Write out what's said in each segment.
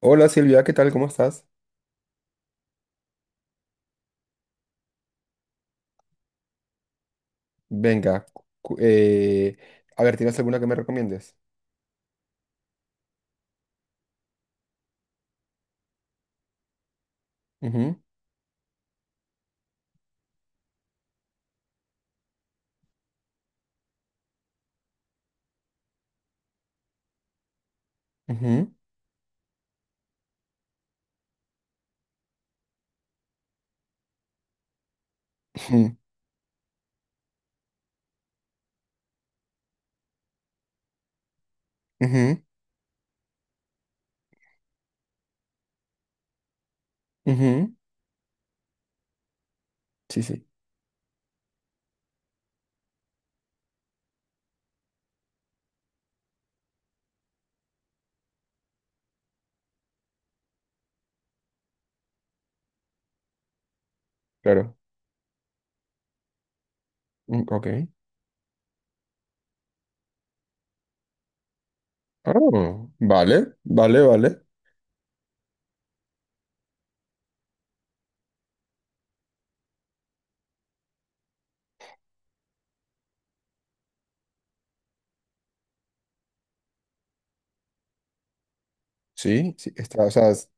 Hola Silvia, ¿qué tal? ¿Cómo estás? Venga, cu- eh, a ver, ¿tienes alguna que me recomiendes? Ujú, ujú, ujú, ujú, ujú. Sí, sí, claro. Mm. Ok. Ah, vale, vale, vale. Sí, sí, está, o sea,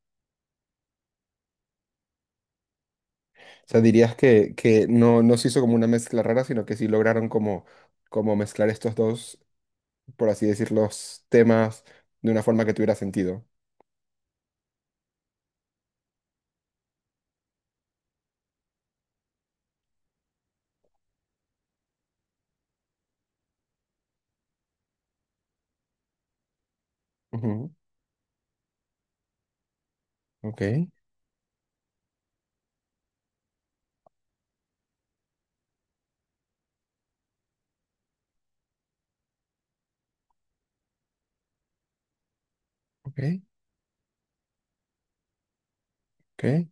o sea, dirías que, no, no se hizo como una mezcla rara, sino que sí lograron como, como mezclar estos dos, por así decir, los temas de una forma que tuviera sentido. Ujú. Ok, ok, ok.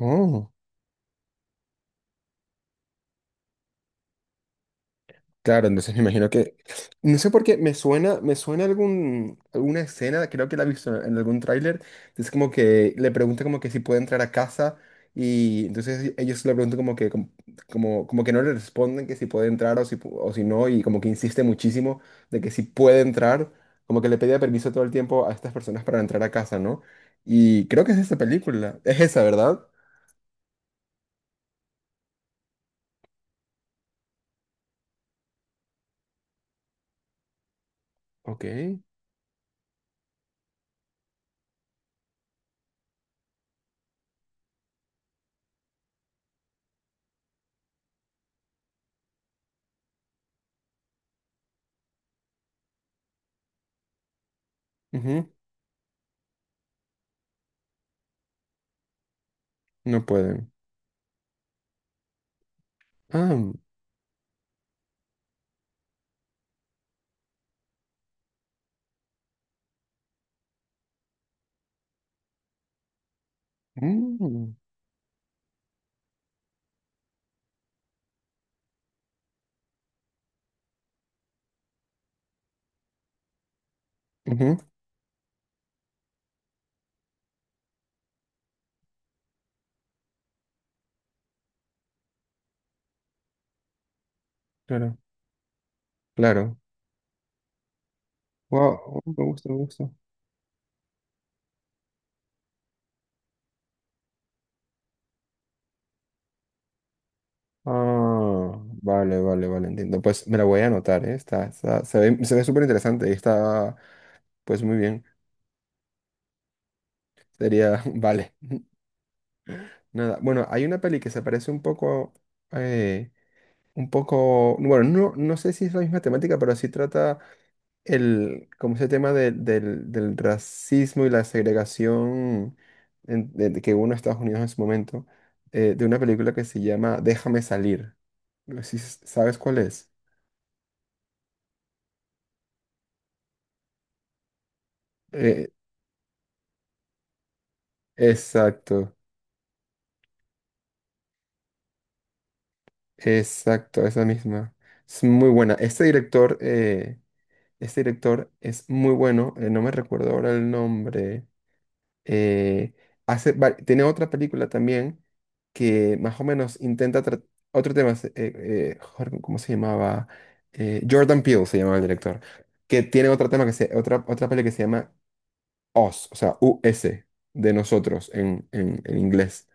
Oh. Claro, entonces me imagino que no sé por qué, me suena alguna escena, creo que la he visto en algún tráiler, es como que le pregunta como que si puede entrar a casa y entonces ellos le preguntan como que, como, como, como que no le responden que si puede entrar o si, o si no, y como que insiste muchísimo de que si puede entrar, como que le pedía permiso todo el tiempo a estas personas para entrar a casa, ¿no? Y creo que es esa película, es esa, ¿verdad? Ok. Ujú. No pueden. Ah, mm, ujú, claro. Claro. Wow, me gusta, me gusta. Ah, vale, vale, vale, entiendo. Pues me la voy a anotar, ¿eh? Está, se ve súper interesante y está, pues muy bien. Sería, vale. Nada, bueno, hay una peli que se parece eh, un poco, bueno, no, no sé si es la misma temática, pero sí trata el, como ese tema del, del racismo y la segregación de que hubo en Estados Unidos en su momento, de una película que se llama Déjame salir. No sé si sabes cuál es. Eh, exacto, exacto, esa misma. Es muy buena. Este director es muy bueno. No me recuerdo ahora el nombre. eh, Hace, tiene otra película también que más o menos intenta otro tema. Joder, ¿cómo se llamaba? Jordan Peele se llamaba el director. Que tiene otro tema que se, otra, otra peli que se llama US, o sea, U S de nosotros en inglés.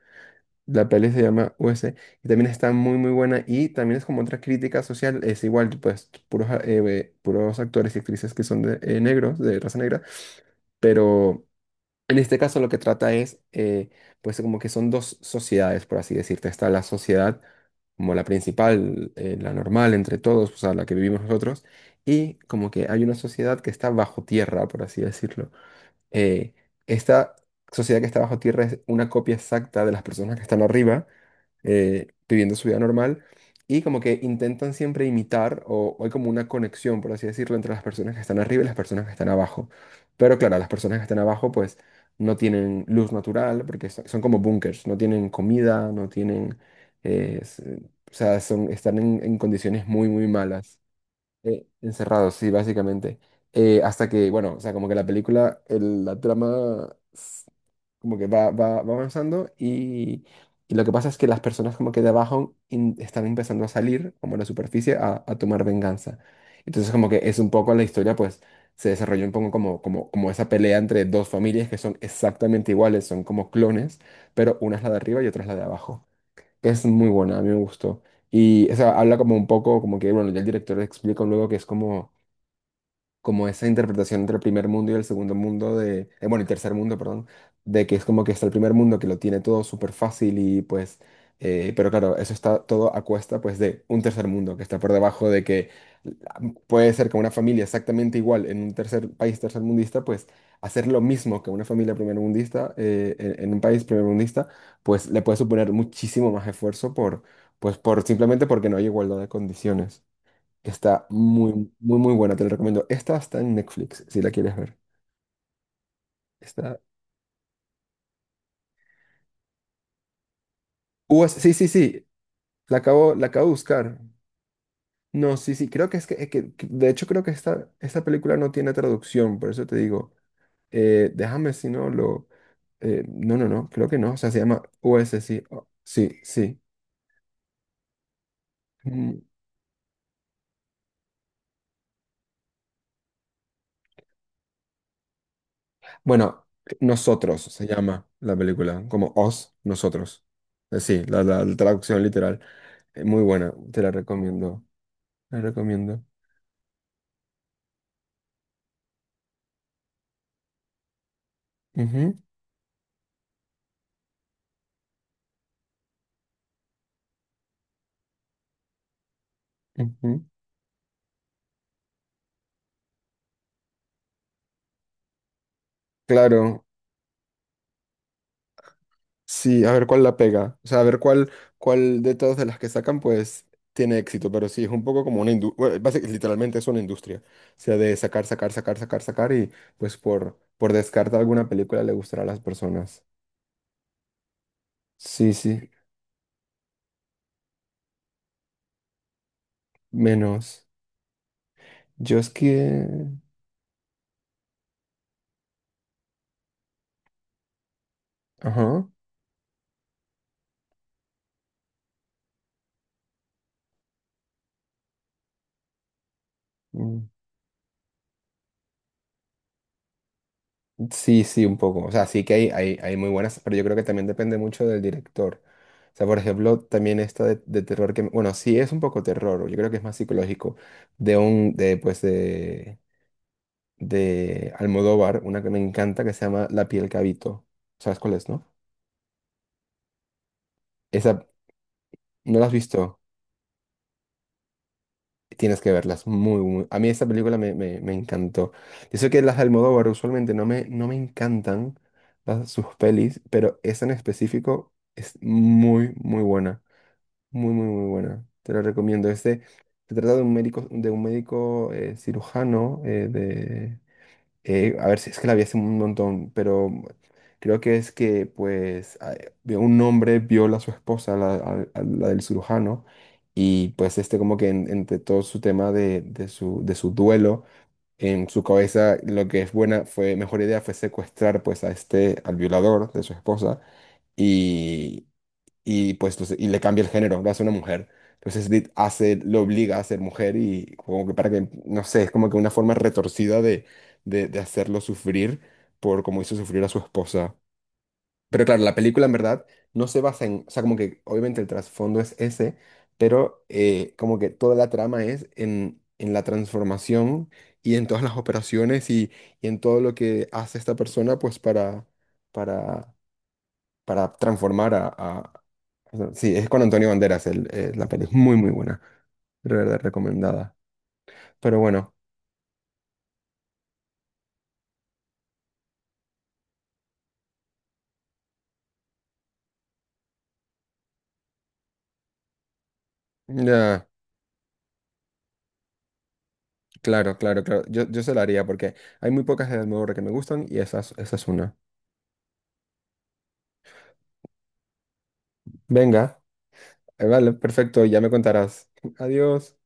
La peli se llama US y también está muy muy buena, y también es como otra crítica social, es igual, pues puros, puros actores y actrices que son de, negros, de raza negra, pero en este caso lo que trata es, pues como que son dos sociedades, por así decirte. Está la sociedad como la principal, la normal entre todos, o sea, la que vivimos nosotros, y como que hay una sociedad que está bajo tierra, por así decirlo. eh, Esta sociedad que está bajo tierra es una copia exacta de las personas que están arriba, viviendo su vida normal, y como que intentan siempre imitar, o hay como una conexión, por así decirlo, entre las personas que están arriba y las personas que están abajo. Pero claro, las personas que están abajo pues no tienen luz natural, porque son como búnkers, no tienen comida, no tienen... eh, s- o sea, son, están en condiciones muy, muy malas. Encerrados, sí, básicamente. Hasta que, bueno, o sea, como que la película, la trama, como que va, va, va avanzando, y lo que pasa es que las personas como que de abajo están empezando a salir, como a la superficie, a tomar venganza. Entonces como que es un poco la historia, pues se desarrolló un poco como, como, como esa pelea entre dos familias que son exactamente iguales, son como clones, pero una es la de arriba y otra es la de abajo. Es muy buena, a mí me gustó. Y, o sea, habla como un poco, como que, bueno, ya el director explica luego que es como como esa interpretación entre el primer mundo y el segundo mundo de, bueno, el tercer mundo, perdón, de que es como que está el primer mundo que lo tiene todo súper fácil y pues, pero claro, eso está todo a cuesta pues de un tercer mundo que está por debajo de que la- puede ser que una familia exactamente igual en un tercer país tercermundista, pues hacer lo mismo que una familia primermundista en un país primermundista, pues le puede suponer muchísimo más esfuerzo por, pues por simplemente porque no hay igualdad de condiciones. Está muy, muy, muy buena, te la recomiendo. Esta está en Netflix, si la quieres ver. Está... U S sí, sí, sí, la acabo de buscar. No, sí, sí, creo que es que, de hecho creo que esta película no tiene traducción, por eso te digo, déjame si no lo... no, no, no, creo que no, o sea, se llama U S sí, oh, sí, sí. Mm. Bueno, Nosotros se llama la película, como Os, Nosotros. Sí, la traducción literal. Muy buena, te la recomiendo, la recomiendo. Ujú. Ujú. Claro, sí, a ver cuál la pega. O sea, a ver cuál, cuál de todas de las que sacan, pues tiene éxito. Pero sí, es un poco como una industria. Literalmente es una industria. O sea, de sacar, sacar, sacar, sacar, sacar. Y pues por descarte alguna película le gustará a las personas. Sí, sí, menos. Yo es que. Ajá. Mm. Sí, sí, un poco. O sea, sí que hay muy buenas, pero yo creo que también depende mucho del director. O sea, por ejemplo, también esta de terror que, bueno, sí es un poco terror, yo creo que es más psicológico, de un, de, pues, de, de Almodóvar, una que me encanta que se llama La piel que habito. ¿Sabes cuál es, no? Esa, ¿no la has visto? Tienes que verlas, muy, muy. A mí esta película me, me, me encantó. Yo sé que las de Almodóvar usualmente no me, no me encantan sus pelis, pero esta en específico es muy, muy buena. Muy, muy, muy buena. Te la recomiendo. Este se trata de un médico cirujano a ver, si es que la vi hace un montón, pero creo que es que, pues, vio un hombre, viola a su esposa, la, a la del cirujano, y pues este como que entre todo su tema de su duelo, en su cabeza lo que es buena, fue mejor idea fue secuestrar pues a este, al violador de su esposa, y pues y le cambia el género, lo hace una mujer. Entonces Dit hace, lo obliga a ser mujer y como que para que, no sé, es como que una forma retorcida de hacerlo sufrir por como hizo sufrir a su esposa. Pero claro, la película en verdad no se basa en, o sea, como que obviamente el trasfondo es ese, pero como que toda la trama es en la transformación y en todas las operaciones, y en todo lo que hace esta persona pues para para transformar a- Sí, es con Antonio Banderas el, la peli, es muy, muy buena, de verdad recomendada. Pero bueno, ya, claro, claro, claro, yo se la haría porque hay muy pocas de Almodóvar que me gustan y esa es una. Venga, vale, perfecto, ya me contarás. Adiós.